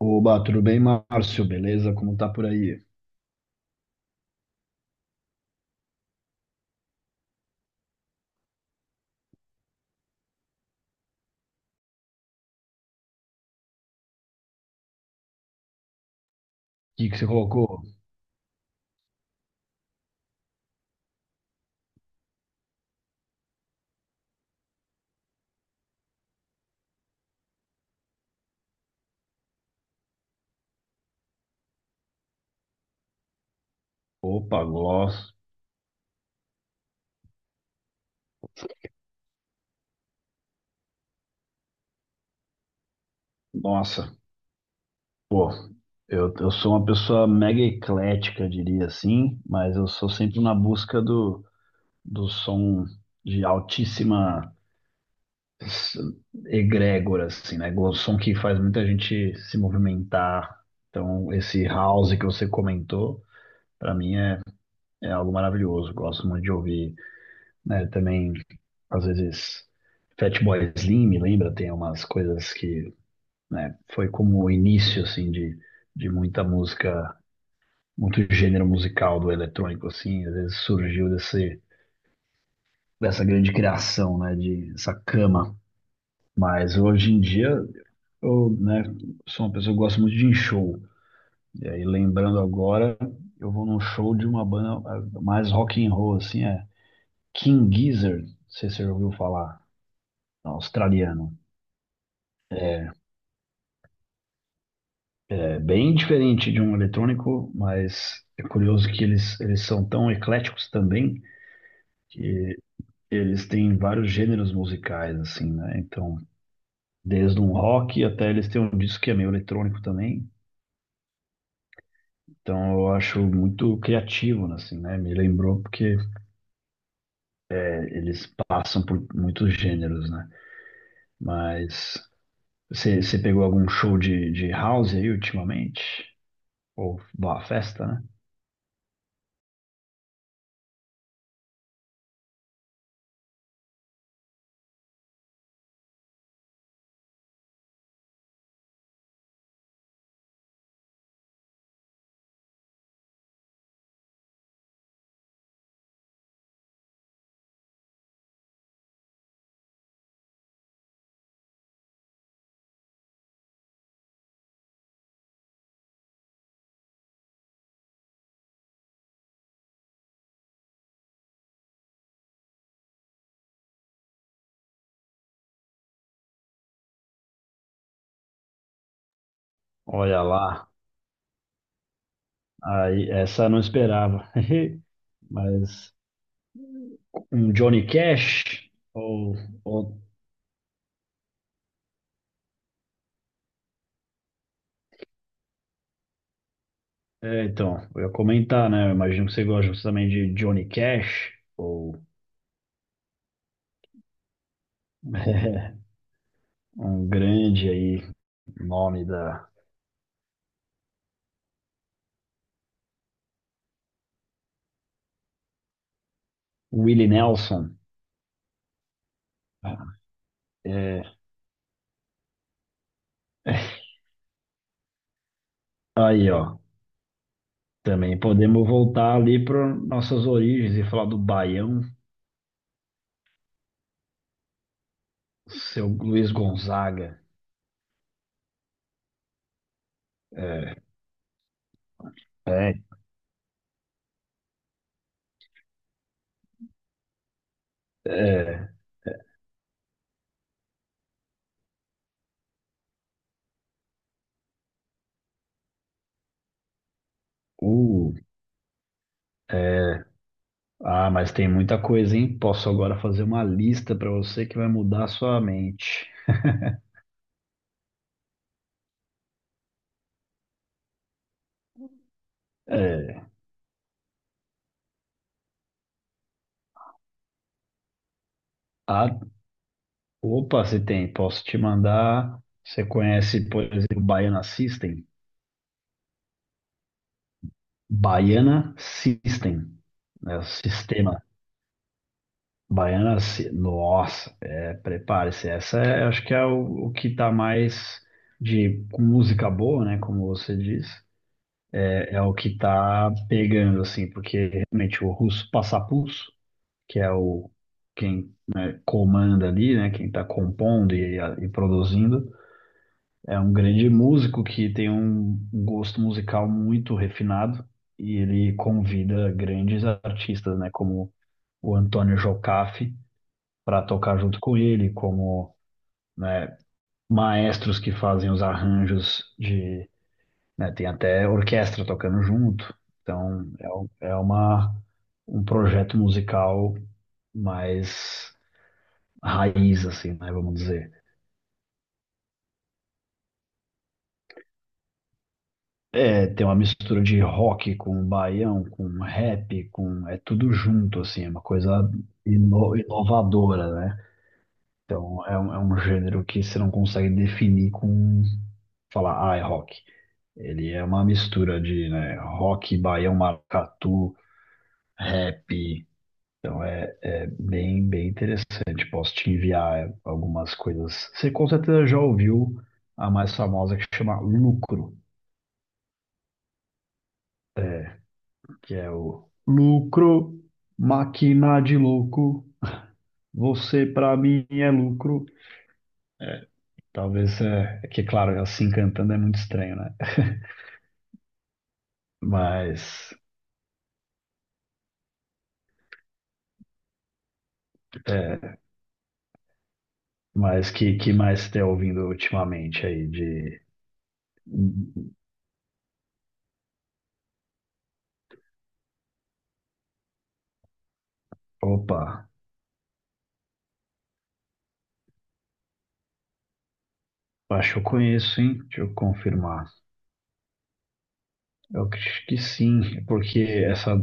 Oba, tudo bem, Márcio? Beleza? Como tá por aí? O que que você colocou? Opa, gloss. Nossa, pô, eu sou uma pessoa mega eclética, diria assim, mas eu sou sempre na busca do som de altíssima s- egrégora, assim, né? O som que faz muita gente se movimentar. Então, esse house que você comentou, pra é algo maravilhoso. Gosto muito de ouvir, né? Também, às vezes, Fatboy Slim, me lembra, tem umas coisas que, né, foi como o início, assim, de muita música, muito gênero musical do eletrônico, assim, às vezes surgiu dessa grande criação, né, de essa cama. Mas hoje em dia, eu, né, sou uma pessoa que gosta muito de ir em show. E aí, lembrando agora, eu vou num show de uma banda mais rock and roll, assim, é King Gizzard, não sei se você já ouviu falar, é um australiano. É bem diferente de um eletrônico, mas é curioso que eles são tão ecléticos também que eles têm vários gêneros musicais, assim, né? Então, desde um rock até eles têm um disco que é meio eletrônico também. Então, eu acho muito criativo, né, assim, né? Me lembrou porque é, eles passam por muitos gêneros, né? Mas você pegou algum show de house aí ultimamente? Ou bah, festa, né? Olha lá. Aí, essa eu não esperava. Mas um Johnny Cash ou- é, então, eu ia comentar, né? Eu imagino que você gosta também de Johnny Cash ou um grande aí nome da Willie Nelson. É, aí, ó. Também podemos voltar ali para nossas origens e falar do Baião, seu Luiz Gonzaga. É, é, é, o Ah, mas tem muita coisa, hein? Posso agora fazer uma lista para você que vai mudar a sua mente. É, ah, opa, se tem, posso te mandar. Você conhece, por exemplo, Baiana System? Baiana System, né? O sistema Baiana. Nossa, é, prepare-se. Essa é, acho que é o que tá mais de com música boa, né? Como você diz, é, é o que tá pegando assim, porque realmente o russo Passapulso, que é o quem comanda ali, né, quem está compondo e produzindo, é um grande músico que tem um gosto musical muito refinado e ele convida grandes artistas, né, como o Antônio Jocafe para tocar junto com ele, como né, maestros que fazem os arranjos de, né, tem até orquestra tocando junto. Então é uma um projeto musical mais raiz, assim, né, vamos dizer. É, tem uma mistura de rock com baião, com rap, com... É tudo junto, assim, é uma coisa inovadora, né? Então, é um gênero que você não consegue definir com... Falar, ah, é rock. Ele é uma mistura de, né, rock, baião, maracatu, rap. É bem, bem interessante. Posso te enviar algumas coisas. Você com certeza já ouviu a mais famosa que chama Lucro. É, que é o lucro, máquina de louco, você pra mim é lucro. Talvez é que, claro, assim cantando é muito estranho, né? Mas, é, mas que mais você tá ouvindo ultimamente aí de... Opa, acho que eu conheço, hein? Deixa eu confirmar. Eu acho que sim, porque essa...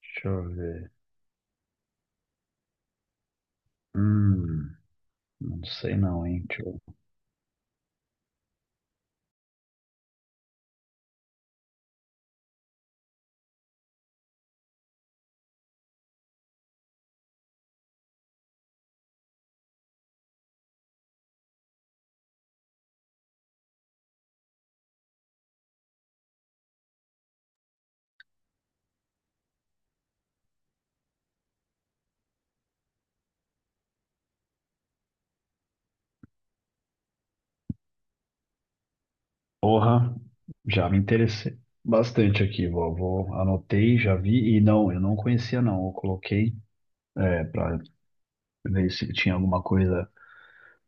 Deixa eu ver. Hum, não sei não, hein? Deixa eu... Porra, já me interessei bastante aqui, anotei, já vi e não, eu não conhecia não, eu coloquei é, para ver se tinha alguma coisa,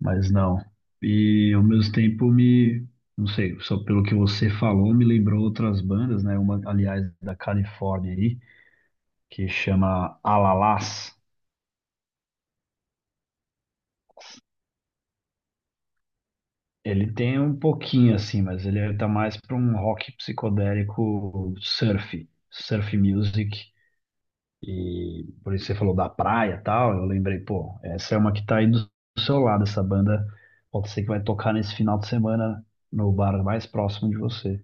mas não. E ao mesmo tempo me, não sei, só pelo que você falou, me lembrou outras bandas, né? Uma, aliás, da Califórnia aí, que chama Alalás. Ele tem um pouquinho assim, mas ele é, tá mais para um rock psicodélico surf, surf music. E por isso você falou da praia e tal, eu lembrei, pô, essa é uma que tá aí do seu lado, essa banda pode ser que vai tocar nesse final de semana no bar mais próximo de você.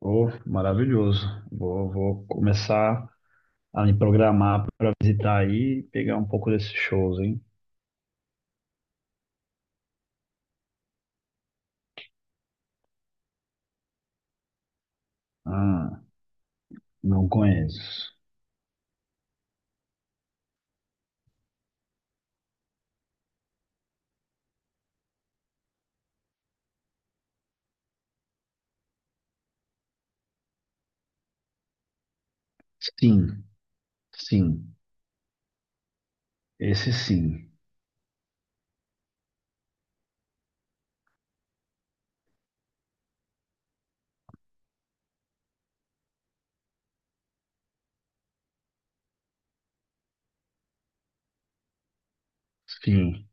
Oh, maravilhoso. Vou, vou começar a me programar para visitar aí e pegar um pouco desses shows, hein? Ah, não conheço. Sim, sim. Esse sim. Sim.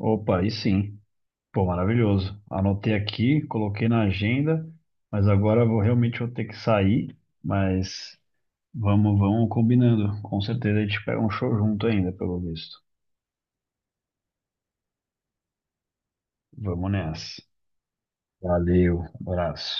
Opa, aí sim. Pô, maravilhoso. Anotei aqui, coloquei na agenda, mas agora eu vou realmente vou ter que sair, mas vamos combinando. Com certeza a gente pega um show junto ainda, pelo visto. Vamos nessa. Valeu, abraço.